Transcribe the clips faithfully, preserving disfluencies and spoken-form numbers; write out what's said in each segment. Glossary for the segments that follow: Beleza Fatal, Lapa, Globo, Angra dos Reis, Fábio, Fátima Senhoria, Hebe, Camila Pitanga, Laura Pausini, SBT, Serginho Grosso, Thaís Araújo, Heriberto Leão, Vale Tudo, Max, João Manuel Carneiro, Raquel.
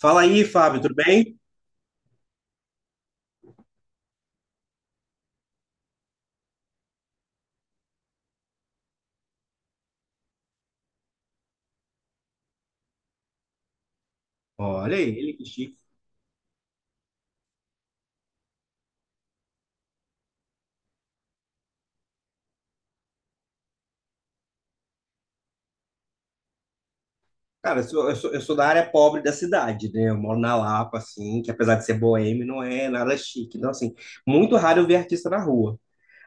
Fala aí, Fábio, tudo bem? Olha aí, ele que chique. Cara, eu sou, eu sou, eu sou da área pobre da cidade, né? Eu moro na Lapa, assim, que apesar de ser boêmio, não é nada chique. Então, assim, muito raro eu ver artista na rua.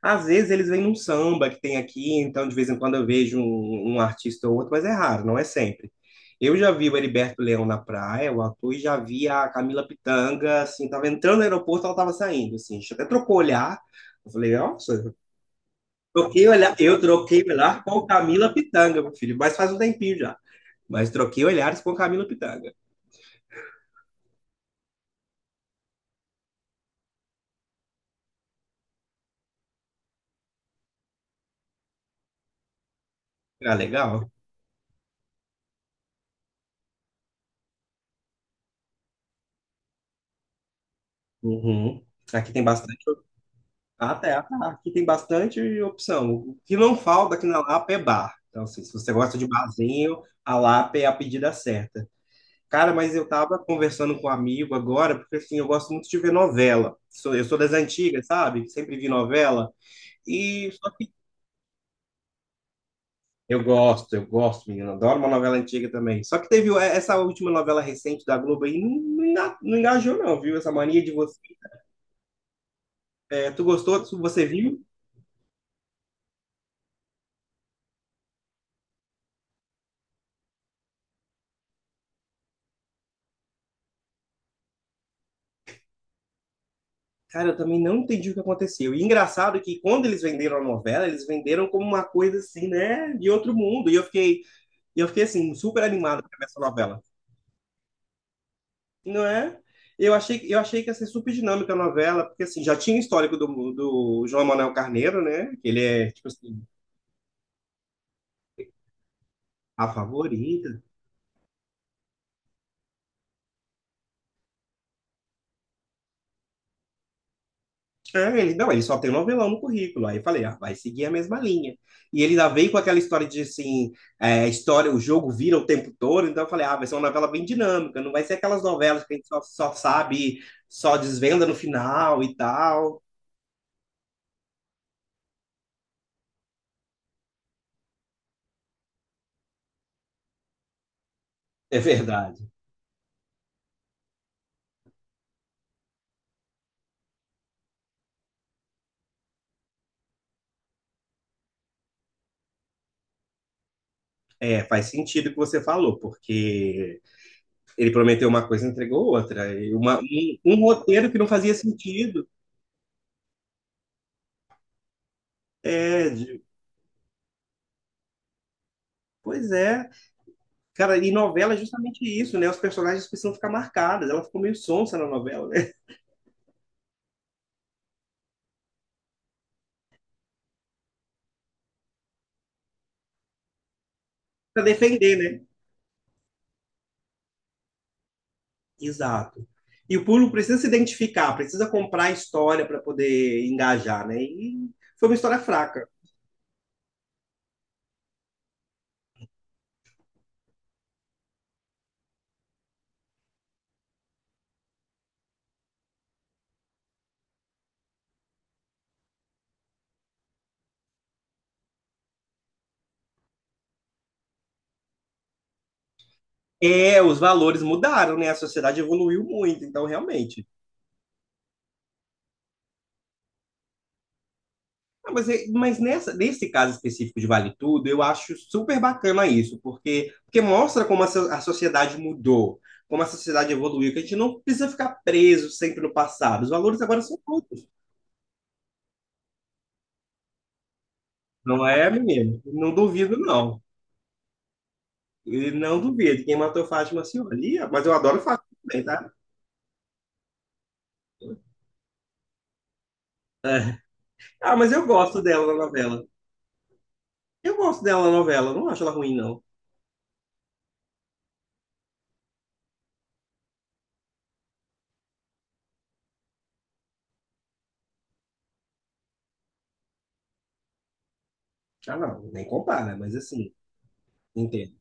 Às vezes eles vêm num samba que tem aqui, então de vez em quando eu vejo um, um artista ou outro, mas é raro, não é sempre. Eu já vi o Heriberto Leão na praia, o ator, e já vi a Camila Pitanga, assim, tava entrando no aeroporto, ela tava saindo, assim, a gente até trocou o olhar, eu falei, nossa, troquei o olhar, eu troquei o olhar com Camila Pitanga, meu filho, mas faz um tempinho já, mas troquei olhares com Camila Pitanga, ah, legal, uhum. Aqui tem bastante. Ah, tá, ah, tá. Aqui tem bastante opção. O que não falta aqui na Lapa é bar. Então, assim, se você gosta de barzinho, a Lapa é a pedida certa. Cara, mas eu tava conversando com um amigo agora, porque assim, eu gosto muito de ver novela. Sou- eu sou das antigas, sabe? Sempre vi novela. E só que eu gosto, eu gosto, menino. Adoro uma novela antiga também. Só que teve é, essa última novela recente da Globo aí, não, não enga- não engajou, não, viu? Essa mania de você. É, tu gostou? Tu- Você viu? Cara, eu também não entendi o que aconteceu. E engraçado que quando eles venderam a novela, eles venderam como uma coisa assim, né, de outro mundo. E eu fiquei, e eu fiquei assim, super animado para ver essa novela. Não é? Eu achei, eu achei que ia ser super dinâmica a novela, porque assim, já tinha o histórico do, do João Manuel Carneiro, né? Que ele é, tipo assim, a favorita, é, ele, não, ele só tem novelão no currículo. Aí eu falei, ah, vai seguir a mesma linha. E ele ainda veio com aquela história de assim, é, a história, o jogo vira o tempo todo, então eu falei, ah, vai ser uma novela bem dinâmica, não vai ser aquelas novelas que a gente só, só sabe, só desvenda no final e tal. É verdade. É, faz sentido o que você falou, porque ele prometeu uma coisa e entregou outra. E uma- um, um roteiro que não fazia sentido. É, de- pois é. Cara, e novela é justamente isso, né? Os personagens precisam ficar marcados. Ela ficou meio sonsa na novela, né? Pra defender, né? Exato. E o público precisa se identificar, precisa comprar a história para poder engajar, né? E foi uma história fraca. É, os valores mudaram, né? A sociedade evoluiu muito, então realmente. Ah, mas, é- mas nessa, nesse caso específico de Vale Tudo, eu acho super bacana isso, porque, porque mostra como a, so- a sociedade mudou, como a sociedade evoluiu, que a gente não precisa ficar preso sempre no passado. Os valores agora são outros. Não é, menino? Não duvido, não. E não duvido. Quem matou Fátima Senhoria, mas eu adoro Fátima também, tá? Ah, mas eu gosto dela na novela. Eu gosto dela na novela, não acho ela ruim, não. Ah, não, nem compara, mas assim, entendo.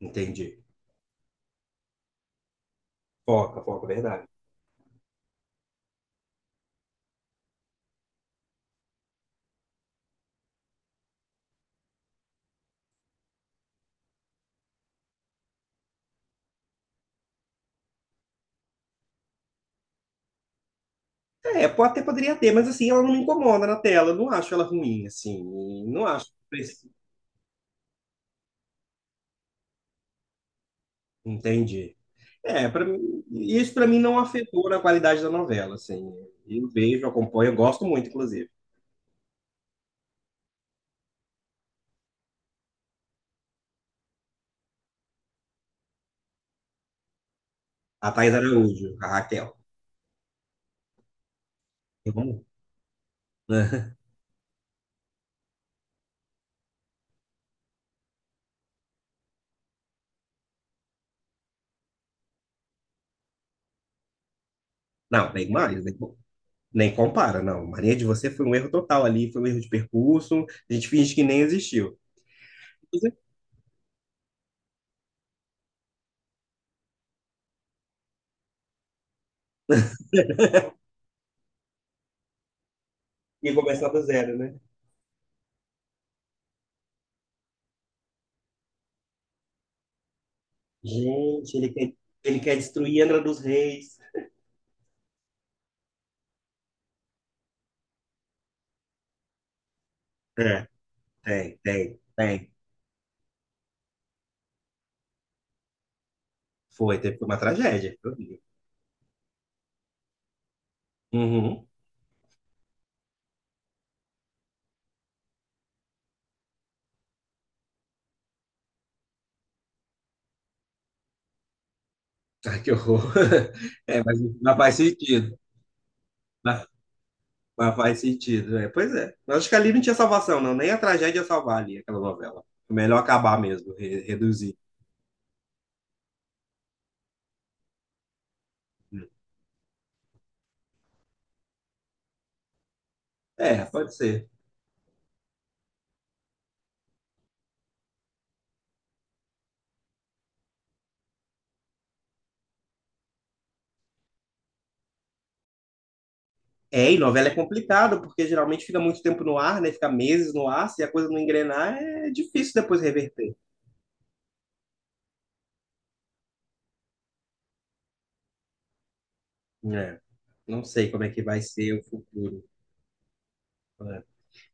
Entendi. Foca, foca, verdade. É, pode até poderia ter, mas assim, ela não me incomoda na tela. Eu não acho ela ruim, assim. Não acho. Entendi. É, pra mim, isso pra mim não afetou na qualidade da novela, assim. Eu vejo, acompanho, eu gosto muito, inclusive. A Thaís Araújo, a Raquel. Eu amo. Não, nem mais, nem, nem compara, não. Maria de Você foi um erro total ali, foi um erro de percurso. A gente finge que nem existiu. E começar do zero, né? Gente, ele quer, ele quer destruir Angra dos Reis. É, tem, tem, tem. Foi, teve uma tragédia. Eu vi. Uhum. Ai, que horror. É, mas, mas faz sentido. Mas, mas faz sentido. É, pois é. Eu acho que ali não tinha salvação, não. Nem a tragédia ia salvar ali, aquela novela. É melhor acabar mesmo, re- reduzir. É, pode ser. É, e novela é complicado, porque geralmente fica muito tempo no ar, né? Fica meses no ar, se a coisa não engrenar, é difícil depois reverter. É. Não sei como é que vai ser o futuro. É.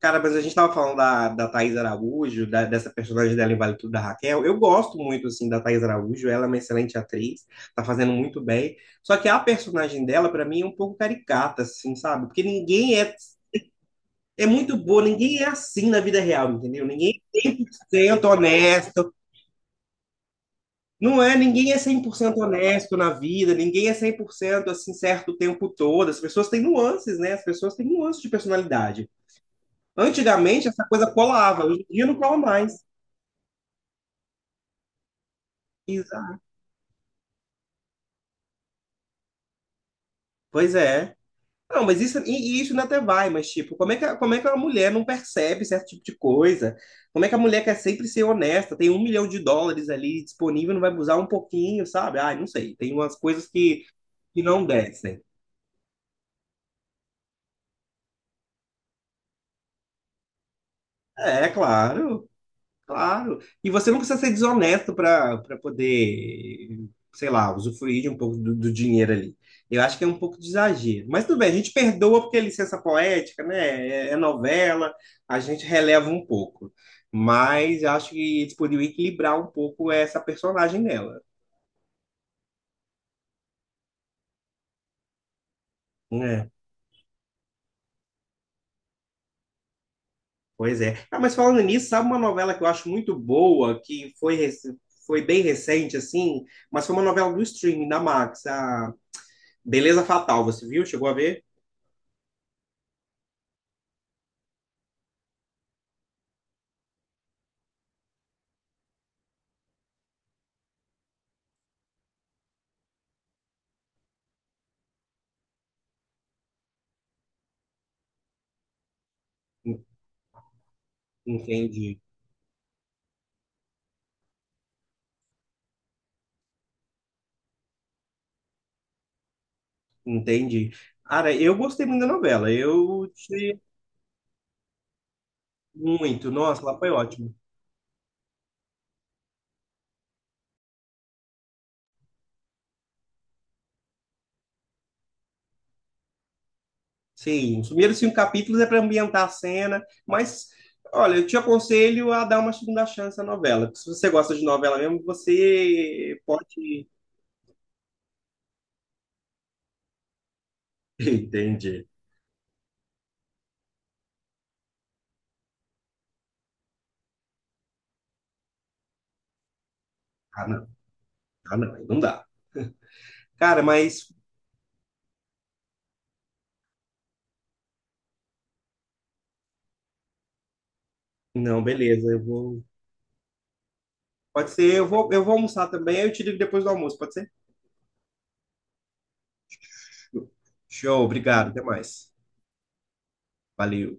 Cara, mas a gente tava falando da, da Thaís Araújo, da- dessa personagem dela em Vale Tudo da Raquel. Eu gosto muito, assim, da Thaís Araújo. Ela é uma excelente atriz, tá fazendo muito bem. Só que a personagem dela, pra mim, é um pouco caricata, assim, sabe? Porque ninguém é, é muito boa, ninguém é assim na vida real, entendeu? Ninguém é cem por cento honesto. Não é, ninguém é cem por cento honesto na vida, ninguém é cem por cento assim certo o tempo todo. As pessoas têm nuances, né? As pessoas têm nuances de personalidade. Antigamente essa coisa colava, hoje em dia não cola mais. Pois é. Não, mas isso, e e isso ainda até vai, mas tipo, como é que, a- como é que a mulher não percebe certo tipo de coisa? Como é que a mulher quer sempre ser honesta? Tem um milhão de dólares ali disponível, não vai abusar um pouquinho, sabe? Ai, não sei. Tem umas coisas que, que não descem. É, claro. Claro. E você não precisa ser desonesto para para poder, sei lá, usufruir de um pouco do, do dinheiro ali. Eu acho que é um pouco de exagero. Mas tudo bem, a gente perdoa porque é licença poética, né? É, é novela, a gente releva um pouco. Mas eu acho que eles poderiam equilibrar um pouco essa personagem dela, né? Pois é. Ah, mas falando nisso, sabe uma novela que eu acho muito boa, que foi, rec- foi bem recente, assim, mas foi uma novela do streaming, da Max, a Beleza Fatal. Você viu? Chegou a ver? Entendi, entendi. Cara, eu gostei muito da novela. Eu gostei muito. Nossa, lá foi ótimo. Sim, os primeiros cinco capítulos é para ambientar a cena, mas olha, eu te aconselho a dar uma segunda chance à novela, porque se você gosta de novela mesmo, você pode. Entendi. Ah, não. Ah, não, aí não dá. Cara, mas não, beleza. Eu vou. Pode ser, eu vou, eu vou almoçar também, aí eu te ligo depois do almoço, pode ser? Show, obrigado, até mais. Valeu.